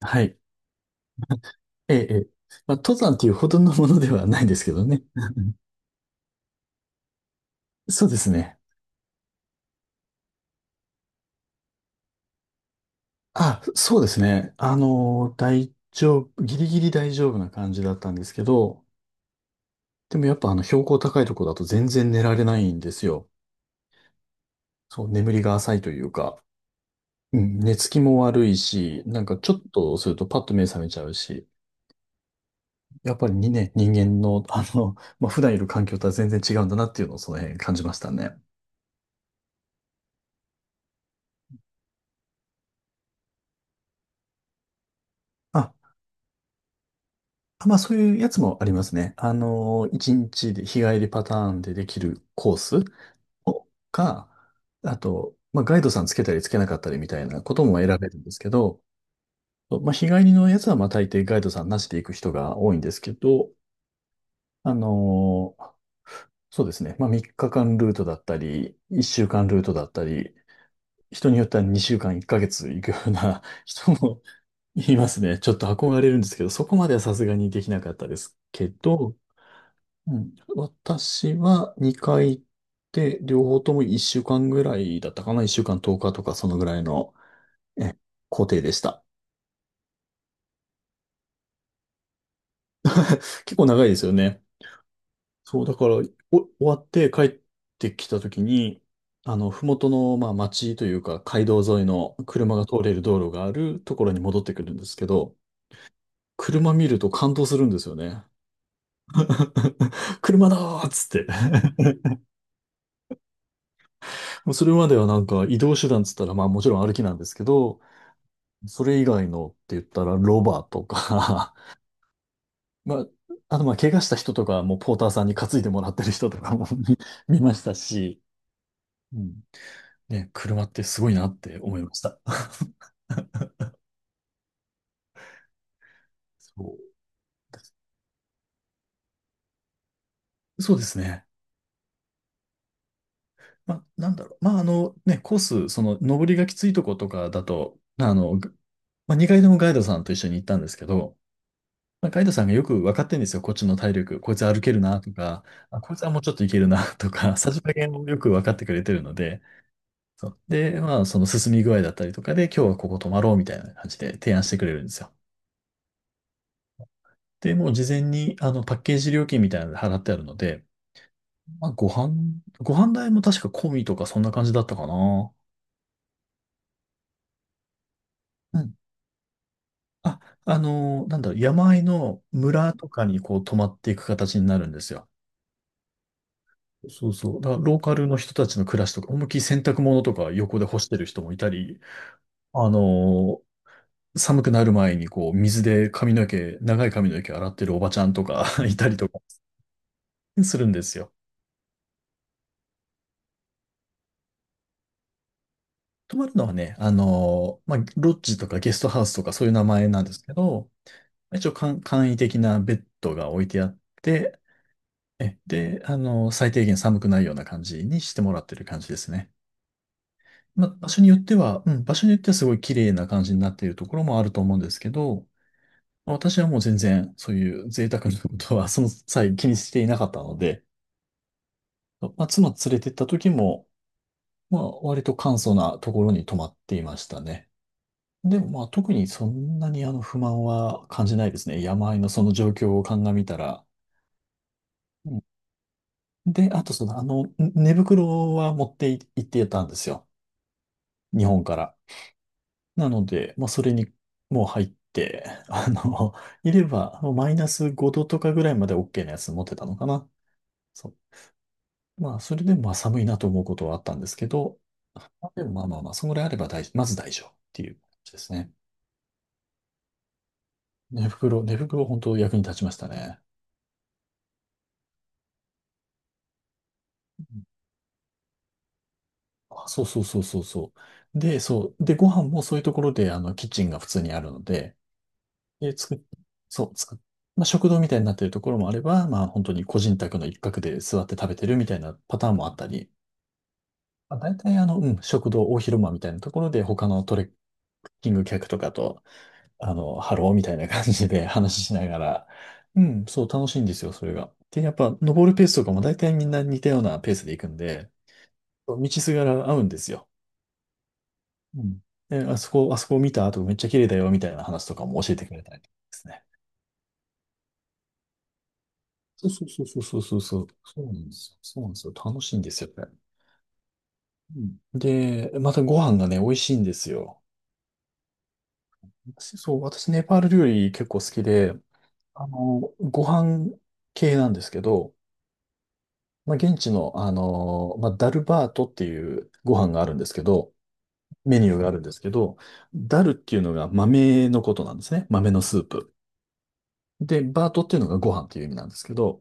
はい。ええ、ええ。まあ、登山っていうほどのものではないんですけどね。そうですね。あ、そうですね。大丈夫、ギリギリ大丈夫な感じだったんですけど、でもやっぱ標高高いとこだと全然寝られないんですよ。そう、眠りが浅いというか、うん、寝つきも悪いし、なんかちょっとするとパッと目覚めちゃうし、やっぱりにね、人間の、まあ、普段いる環境とは全然違うんだなっていうのをその辺感じましたね。ああ、まあそういうやつもありますね。1日で日帰りパターンでできるコースをか、あと、まあガイドさんつけたりつけなかったりみたいなことも選べるんですけど、まあ日帰りのやつはまあ大抵ガイドさんなしで行く人が多いんですけど、あの、そうですね。まあ3日間ルートだったり、1週間ルートだったり、人によっては2週間1ヶ月行くような 人もいますね。ちょっと憧れるんですけど、そこまではさすがにできなかったですけど、うん、私は2回行って、両方とも1週間ぐらいだったかな？ 1 週間10日とかそのぐらいの行程でした。結構長いですよね。そう、だから、終わって帰ってきた時に、ふもとの、まあ、町というか、街道沿いの車が通れる道路があるところに戻ってくるんですけど、車見ると感動するんですよね。車だーっつって。もうそれまではなんか移動手段っつったら、まあもちろん歩きなんですけど、それ以外のって言ったら、ロバとか、 まあ、あと、まあ、怪我した人とかはも、ポーターさんに担いでもらってる人とかも 見ましたし、うん。ね、車ってすごいなって思いました。そうです。そうですね。まあ、なんだろう。まあ、ね、コース、その、登りがきついとことかだと、まあの、まあ、2階ともガイドさんと一緒に行ったんですけど、まあ、ガイドさんがよく分かってるんですよ。こっちの体力。こいつ歩けるなとか、あ、こいつはもうちょっといけるなとか、さじ加減をよく分かってくれてるので、そう。で、まあ、その進み具合だったりとかで、今日はここ泊まろうみたいな感じで提案してくれるんですよ。で、もう事前に、パッケージ料金みたいなので払ってあるので、まあ、ご飯代も確か込みとかそんな感じだったかな。うん。あ、なんだろう、山あいの村とかにこう泊まっていく形になるんですよ。そうそう。だからローカルの人たちの暮らしとか、思いっきり洗濯物とか横で干してる人もいたり、あのー寒くなる前にこう水で髪の毛、長い髪の毛洗ってるおばちゃんとか いたりとか、するんですよ。泊まるのはね、まあ、ロッジとかゲストハウスとかそういう名前なんですけど、一応簡易的なベッドが置いてあって、え、で、最低限寒くないような感じにしてもらってる感じですね。まあ、場所によっては、うん、場所によってはすごい綺麗な感じになっているところもあると思うんですけど、まあ私はもう全然そういう贅沢なことはその際気にしていなかったので、まあ、妻連れてった時も、まあ、割と簡素なところに泊まっていましたね。でもまあ特にそんなに不満は感じないですね。山あいのその状況を鑑みたら。うん。で、あと寝袋は持ってい行ってたんですよ。日本から。なので、まあそれにもう入って、いればマイナス5度とかぐらいまで OK なやつ持ってたのかな。そう。まあそれでもまあ寒いなと思うことはあったんですけど、でもまあまあまあ、そのぐらいあればまず大丈夫っていう感じですね。寝袋本当役に立ちましたね。あ、そうそうそうそうそう。で、そう。で、ご飯もそういうところで、キッチンが普通にあるので、で、作っ、そう、作っ、まあ、食堂みたいになってるところもあれば、まあ、本当に個人宅の一角で座って食べてるみたいなパターンもあったり、まあ、大体、うん、食堂、大広間みたいなところで、他のトレッキング客とかと、ハローみたいな感じで 話ししながら、うん、そう、楽しいんですよ、それが。で、やっぱ、登るペースとかも大体みんな似たようなペースで行くんで、道すがら合うんですよ。うん。え、あそこ見た後めっちゃ綺麗だよみたいな話とかも教えてくれたりですね。そうそうそうそうそうそうそう。そうなんですよ。そうなんですよ。楽しいんですよ、これ。うんで、またご飯がね、美味しいんですよ。私、そう、私、ネパール料理結構好きで、ご飯系なんですけど、まあ、現地の、まあ、ダルバートっていうご飯があるんですけど、メニューがあるんですけど、ダルっていうのが豆のことなんですね。豆のスープ。で、バートっていうのがご飯っていう意味なんですけど、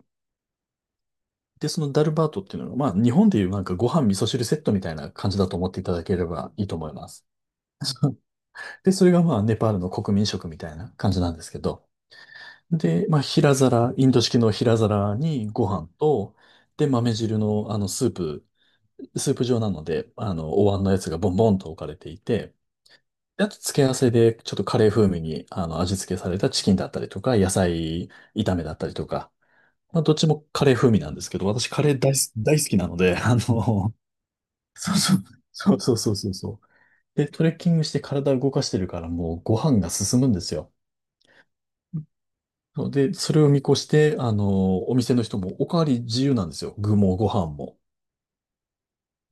で、そのダルバートっていうのが、まあ、日本でいうなんかご飯味噌汁セットみたいな感じだと思っていただければいいと思います。で、それがまあ、ネパールの国民食みたいな感じなんですけど。で、まあ、平皿、インド式の平皿にご飯と、で、豆汁のスープ状なので、お椀のやつがボンボンと置かれていて、であと、付け合わせで、ちょっとカレー風味に、味付けされたチキンだったりとか、野菜炒めだったりとか、まあ、どっちもカレー風味なんですけど、私カレー大好き、大好きなので、そうそう。そうそうそうそうそう。で、トレッキングして体を動かしてるからもうご飯が進むんですよ。そうで、それを見越して、お店の人もおかわり自由なんですよ。具もご飯も。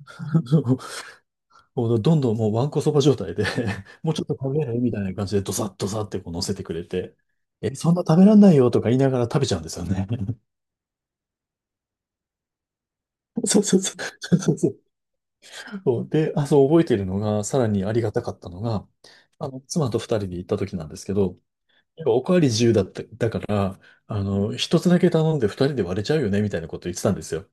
もうどんどんもうわんこそば状態で、 もうちょっと食べないみたいな感じでドサッドサッってこう乗せてくれて、え、そんな食べらんないよとか言いながら食べちゃうんですよね。そうそうそう。そうそうそう。で、あ、そう覚えてるのが、さらにありがたかったのが、妻と二人で行った時なんですけど、おかわり自由だった、だから、一つだけ頼んで二人で割れちゃうよね、みたいなこと言ってたんですよ。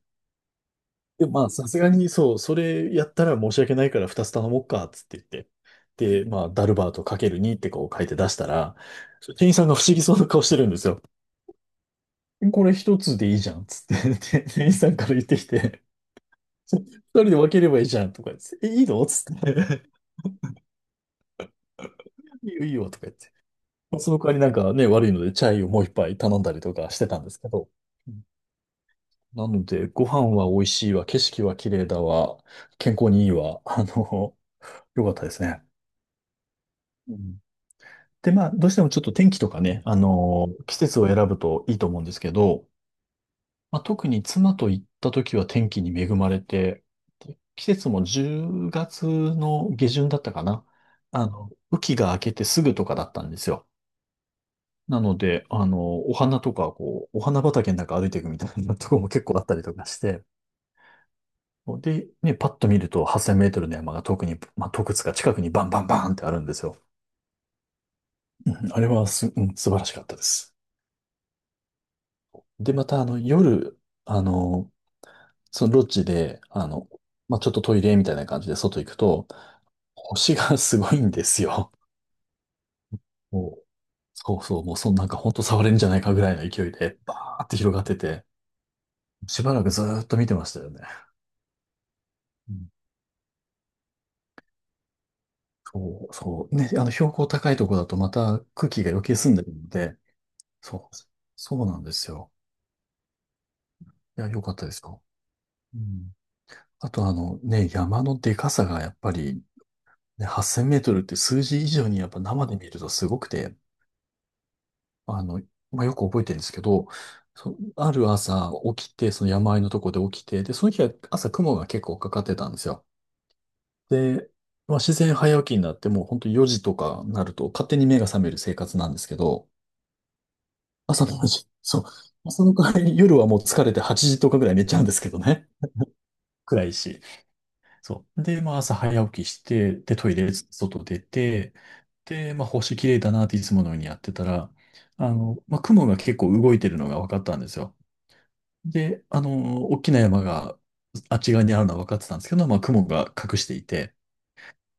で、まあ、さすがに、そう、それやったら申し訳ないから二つ頼もうか、つって言って。で、まあ、ダルバートかける2ってこう書いて出したら、店員さんが不思議そうな顔してるんですよ。これ一つでいいじゃん、つって。で店員さんから言ってきて、二人で分ければいいじゃん、とか言って、え、いいのつって。いいよ、いいよ、とか言って。その代わりなんかね、悪いので、チャイをもう一杯頼んだりとかしてたんですけど。なので、ご飯は美味しいわ、景色は綺麗だわ、健康にいいわ、良かったですね。うん。で、まあ、どうしてもちょっと天気とかね、あの、季節を選ぶといいと思うんですけど、まあ、特に妻と行った時は天気に恵まれて、で季節も10月の下旬だったかな。雨季が明けてすぐとかだったんですよ。なので、お花とか、こう、お花畑の中歩いていくみたいなところも結構あったりとかして、で、ね、パッと見ると8000メートルの山が遠くに、まあ、洞窟が近くにバンバンバーンってあるんですよ。うんあれはす、うん、素晴らしかったです。で、また、夜、あの、そのロッジで、まあ、ちょっとトイレみたいな感じで外行くと、星が すごいんですよ。もう、そうそう、もうそんなんか本当触れるんじゃないかぐらいの勢いで、バーって広がってて、しばらくずーっと見てましたよね。うん。そう、そう。ね、あの、標高高いとこだとまた空気が余計澄んでるので、そう、そうなんですよ。いや、良かったですか。うん。あとあのね、山のでかさがやっぱり、ね、8000メートルって数字以上にやっぱ生で見るとすごくて、あの、まあ、よく覚えてるんですけど、ある朝起きて、その山あいのとこで起きて、で、その日は朝雲が結構かかってたんですよ。で、まあ、自然早起きになってもう本当4時とかになると勝手に目が覚める生活なんですけど、朝の4時、そう、朝の代わりに夜はもう疲れて8時とかぐらい寝ちゃうんですけどね。暗いし。そう。で、まあ、朝早起きして、で、トイレ、外出て、で、まあ、星綺麗だなっていつものようにやってたら、まあ、雲が結構動いてるのが分かったんですよ。で、大きな山があっち側にあるのは分かってたんですけど、まあ、雲が隠していて、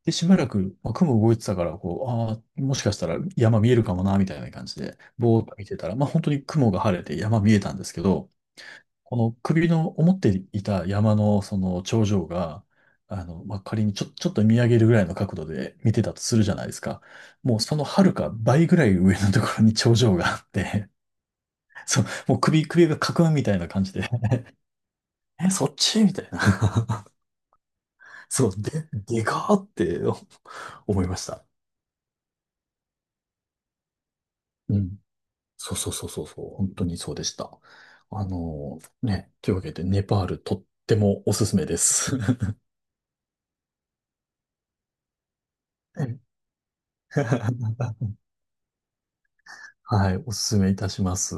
で、しばらく、まあ、雲動いてたから、こう、ああ、もしかしたら山見えるかもな、みたいな感じで、ぼーっと見てたら、まあ、本当に雲が晴れて山見えたんですけど、この首の思っていた山のその頂上が、まあ、仮にちょっと見上げるぐらいの角度で見てたとするじゃないですか。もうその遥か倍ぐらい上のところに頂上があって、そう、もう首がかくんみたいな感じで、え、そっちみたいな。そう、で、でかーって 思いました。うん。そうそうそうそうそう、本当にそうでした。あのね、というわけで、ネパールとってもおすすめです。はい、おすすめいたします。